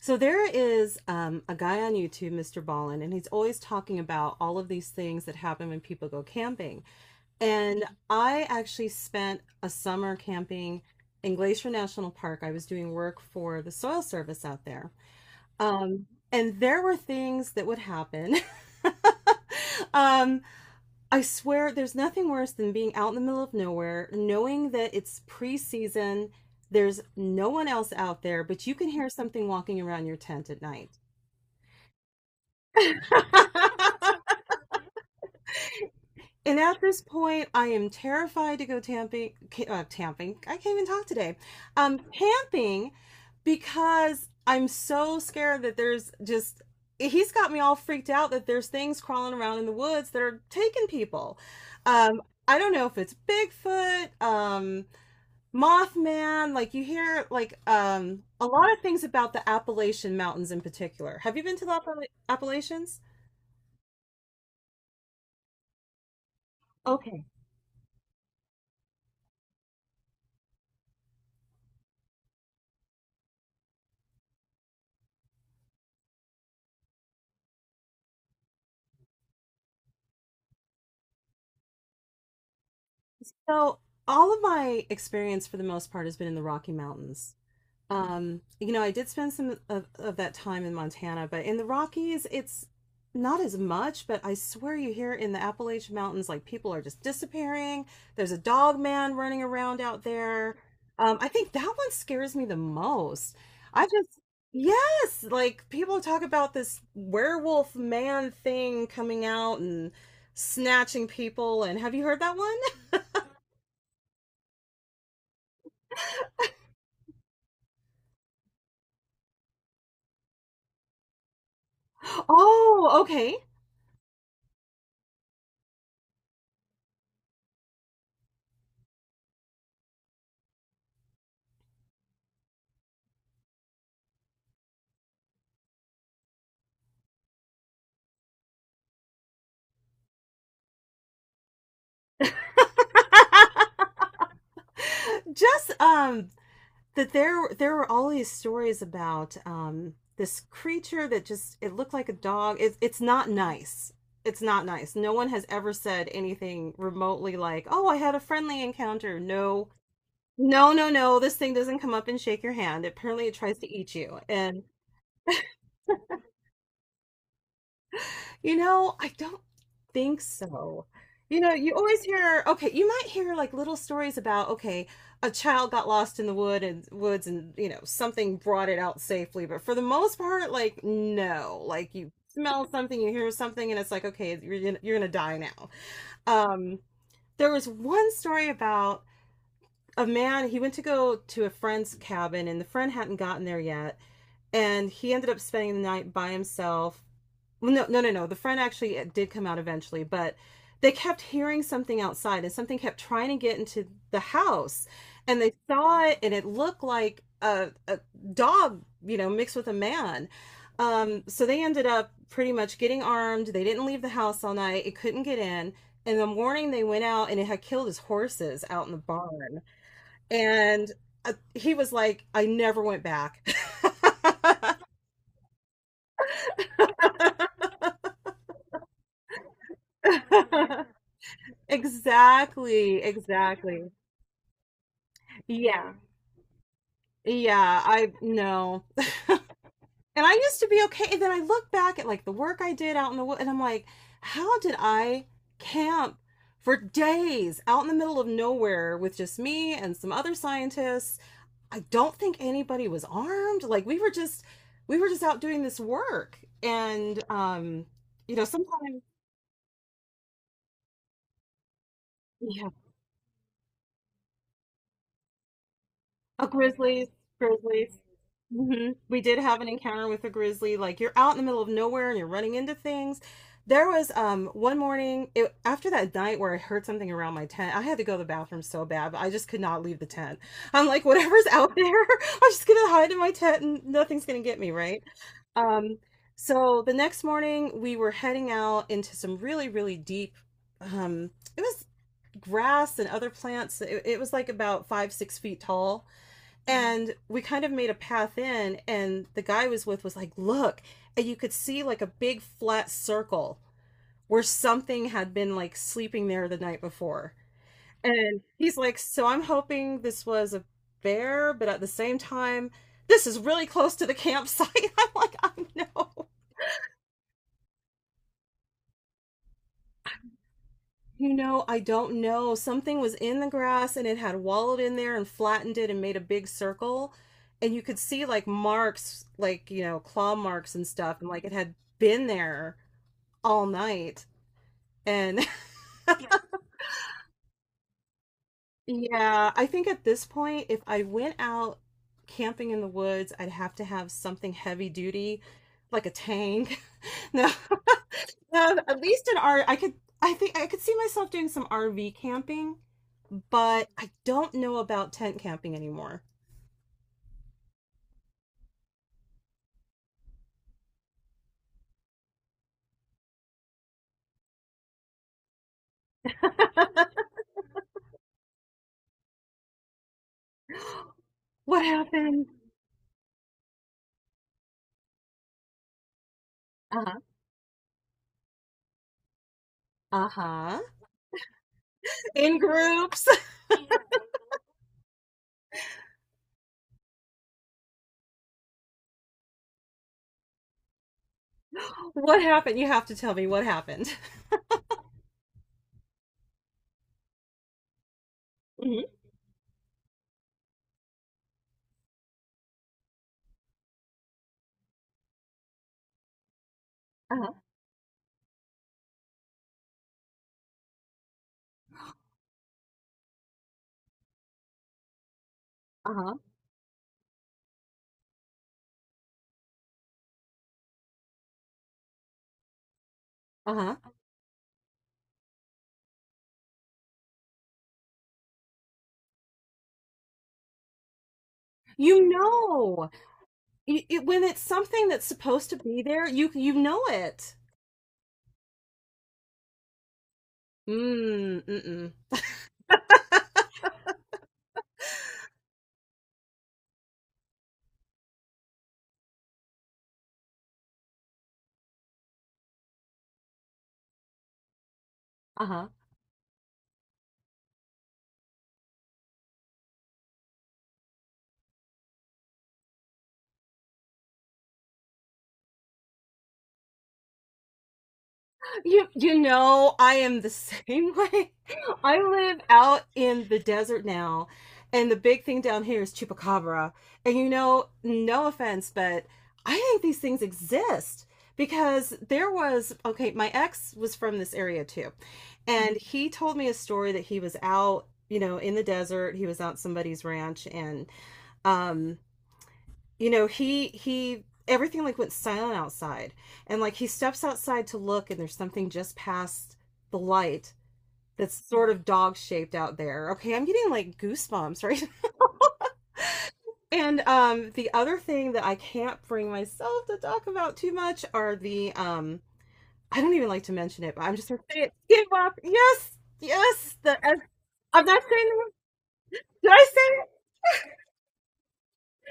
So there is a guy on YouTube, Mr. Ballin, and he's always talking about all of these things that happen when people go camping. And I actually spent a summer camping in Glacier National Park. I was doing work for the Soil Service out there. Um, and there were things that would happen. Um, I swear there's nothing worse than being out in the middle of nowhere, knowing that it's pre-season, there's no one else out there, but you can hear something walking around your tent at night. And at this point, I am terrified to go tamping. Tamping. I can't even talk today. Camping because I'm so scared that there's just. He's got me all freaked out that there's things crawling around in the woods that are taking people. I don't know if it's Bigfoot, Mothman. Like you hear like a lot of things about the Appalachian Mountains in particular. Have you been to the Appalachians? Okay. So all of my experience for the most part has been in the Rocky Mountains. I did spend some of that time in Montana, but in the Rockies, it's not as much, but I swear you hear in the Appalachian Mountains, like people are just disappearing. There's a dog man running around out there. I think that one scares me the most. I just, yes, like people talk about this werewolf man thing coming out and snatching people. And have you heard that one? Oh, okay. Just that there were all these stories about this creature that just it looked like a dog. It's not nice. It's not nice. No one has ever said anything remotely like, "Oh, I had a friendly encounter." No. No, no, no. This thing doesn't come up and shake your hand. Apparently it tries to eat you. And you know, I don't think so. You know, you always hear, okay, you might hear like little stories about, okay, a child got lost in the woods and, you know, something brought it out safely. But for the most part, like, no, like you smell something, you hear something, and it's like, okay, you're gonna die now. Um, there was one story about a man, he went to go to a friend's cabin and the friend hadn't gotten there yet. And he ended up spending the night by himself, well, no, no, no, no, the friend actually did come out eventually, but they kept hearing something outside and something kept trying to get into the house and they saw it and it looked like a dog, mixed with a man. So they ended up pretty much getting armed, they didn't leave the house all night, it couldn't get in. In the morning they went out and it had killed his horses out in the barn. And he was like, I never went back. Exactly, exactly. Yeah. Yeah, I know. And I used to be okay. And then I look back at like the work I did out in the woods, and I'm like, how did I camp for days out in the middle of nowhere with just me and some other scientists? I don't think anybody was armed. Like we were just out doing this work. And you know, sometimes, yeah, oh, grizzlies, grizzlies. Hmm. We did have an encounter with a grizzly. Like you're out in the middle of nowhere and you're running into things. There was one morning after that night where I heard something around my tent. I had to go to the bathroom so bad, but I just could not leave the tent. I'm like, whatever's out there, I'm just gonna hide in my tent and nothing's gonna get me, right? Um, so the next morning we were heading out into some really, really deep. Um, it was grass and other plants. It was like about 5, 6 feet tall and we kind of made a path in, and the guy I was with was like, look. And you could see like a big flat circle where something had been like sleeping there the night before. And he's like, so I'm hoping this was a bear, but at the same time, this is really close to the campsite. I'm like, I know. You know, I don't know. Something was in the grass and it had wallowed in there and flattened it and made a big circle. And you could see like marks, like, you know, claw marks and stuff. And like it had been there all night. And yeah, I think at this point, if I went out camping in the woods, I'd have to have something heavy duty, like a tank. No, no, at least an R. I think I could see myself doing some RV camping, but I don't know about tent camping anymore. What? Uh-huh. Uh-huh. In groups. What happened? You have to tell me what happened. Hmm. Uh-huh. Uh-huh. Uh-huh. You know, when it's something that's supposed to be there, you know it. Mm, mm-mm. Uh-huh. You know, I am the same way. I live out in the desert now, and the big thing down here is chupacabra. And you know, no offense, but I think these things exist because there was, okay, my ex was from this area too. And he told me a story that he was out, you know, in the desert. He was out somebody's ranch and um you know, he everything like went silent outside. And like he steps outside to look and there's something just past the light that's sort of dog shaped out there. Okay, I'm getting like goosebumps, right? And the other thing that I can't bring myself to talk about too much are the I don't even like to mention it, but I'm just gonna say it. Skinwalker. Yes, yes, the I'm not saying the word- Did I say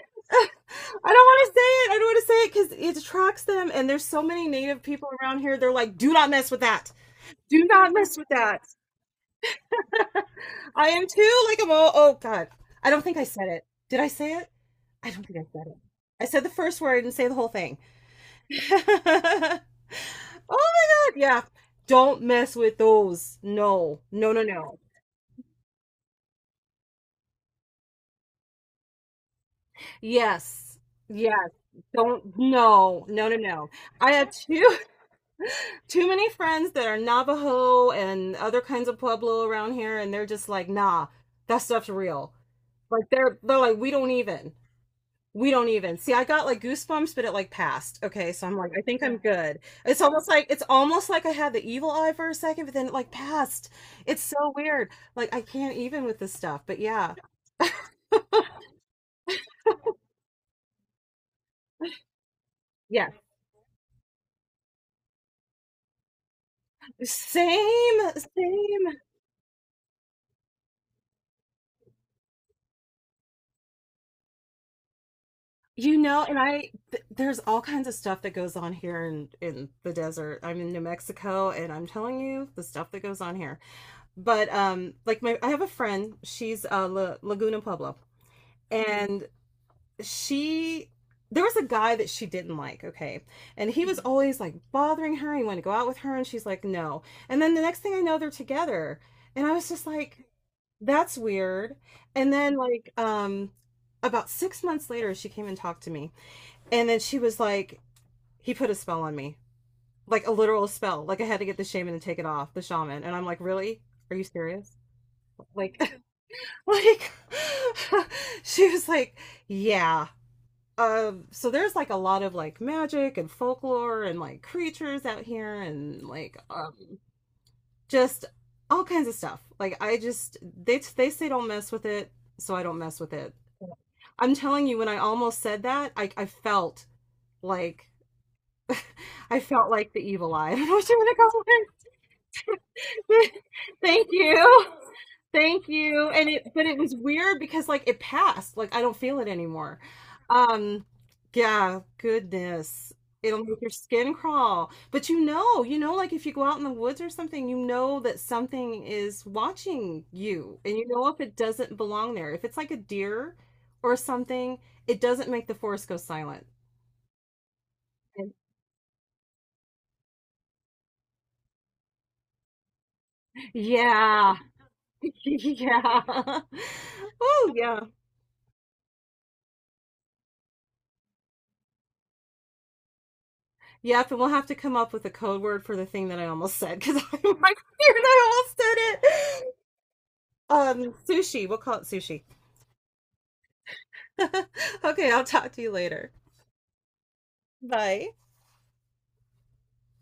it? I don't want to say it. I don't want to say it because it attracts them, and there's so many native people around here. They're like, "Do not mess with that. Do not mess with that." I am too. Like I'm all. Oh God, I don't think I said it. Did I say it? I don't think I said it. I said the first word. I didn't say the whole thing. Oh my God. Yeah. Don't mess with those. No. No. No. No. Yes. Yes. Don't. No. No. No. No. I have two. Too many friends that are Navajo and other kinds of Pueblo around here, and they're just like, nah, that stuff's real. Like they're like, we don't even. We don't even. See, I got like goosebumps, but it like passed. Okay, so I'm like, I think I'm good. It's almost like I had the evil eye for a second, but then it like passed. It's so weird. Like I can't even with this stuff. But yeah. Yeah. Same, same. You know, and I th there's all kinds of stuff that goes on here in the desert. I'm in New Mexico and I'm telling you the stuff that goes on here. But like my I have a friend, she's La Laguna Pueblo, and she there was a guy that she didn't like, okay? And he was always like bothering her. He wanted to go out with her and she's like, "No." And then the next thing I know they're together. And I was just like, that's weird. And then like about 6 months later she came and talked to me. And then she was like, he put a spell on me, like a literal spell. Like I had to get the shaman and take it off, the shaman. And I'm like, really? Are you serious? Like, like she was like, yeah. So there's like a lot of like magic and folklore and like creatures out here, and like just all kinds of stuff. Like I just they say don't mess with it, so I don't mess with it. I'm telling you, when I almost said that, I like felt like the evil eye. I was doing a compliment. Thank you. Thank you. And it but it was weird because like it passed. Like I don't feel it anymore. Um yeah, goodness. It'll make your skin crawl. But you know, like if you go out in the woods or something, you know that something is watching you. And you know if it doesn't belong there. If it's like a deer or something, it doesn't make the forest go silent. And- Yeah. Yeah. Oh, yeah. Yep, and we'll have to come up with a code word for the thing that I almost said because I'm like, I almost said it. Sushi. We'll call it sushi. Okay, I'll talk to you later. Bye.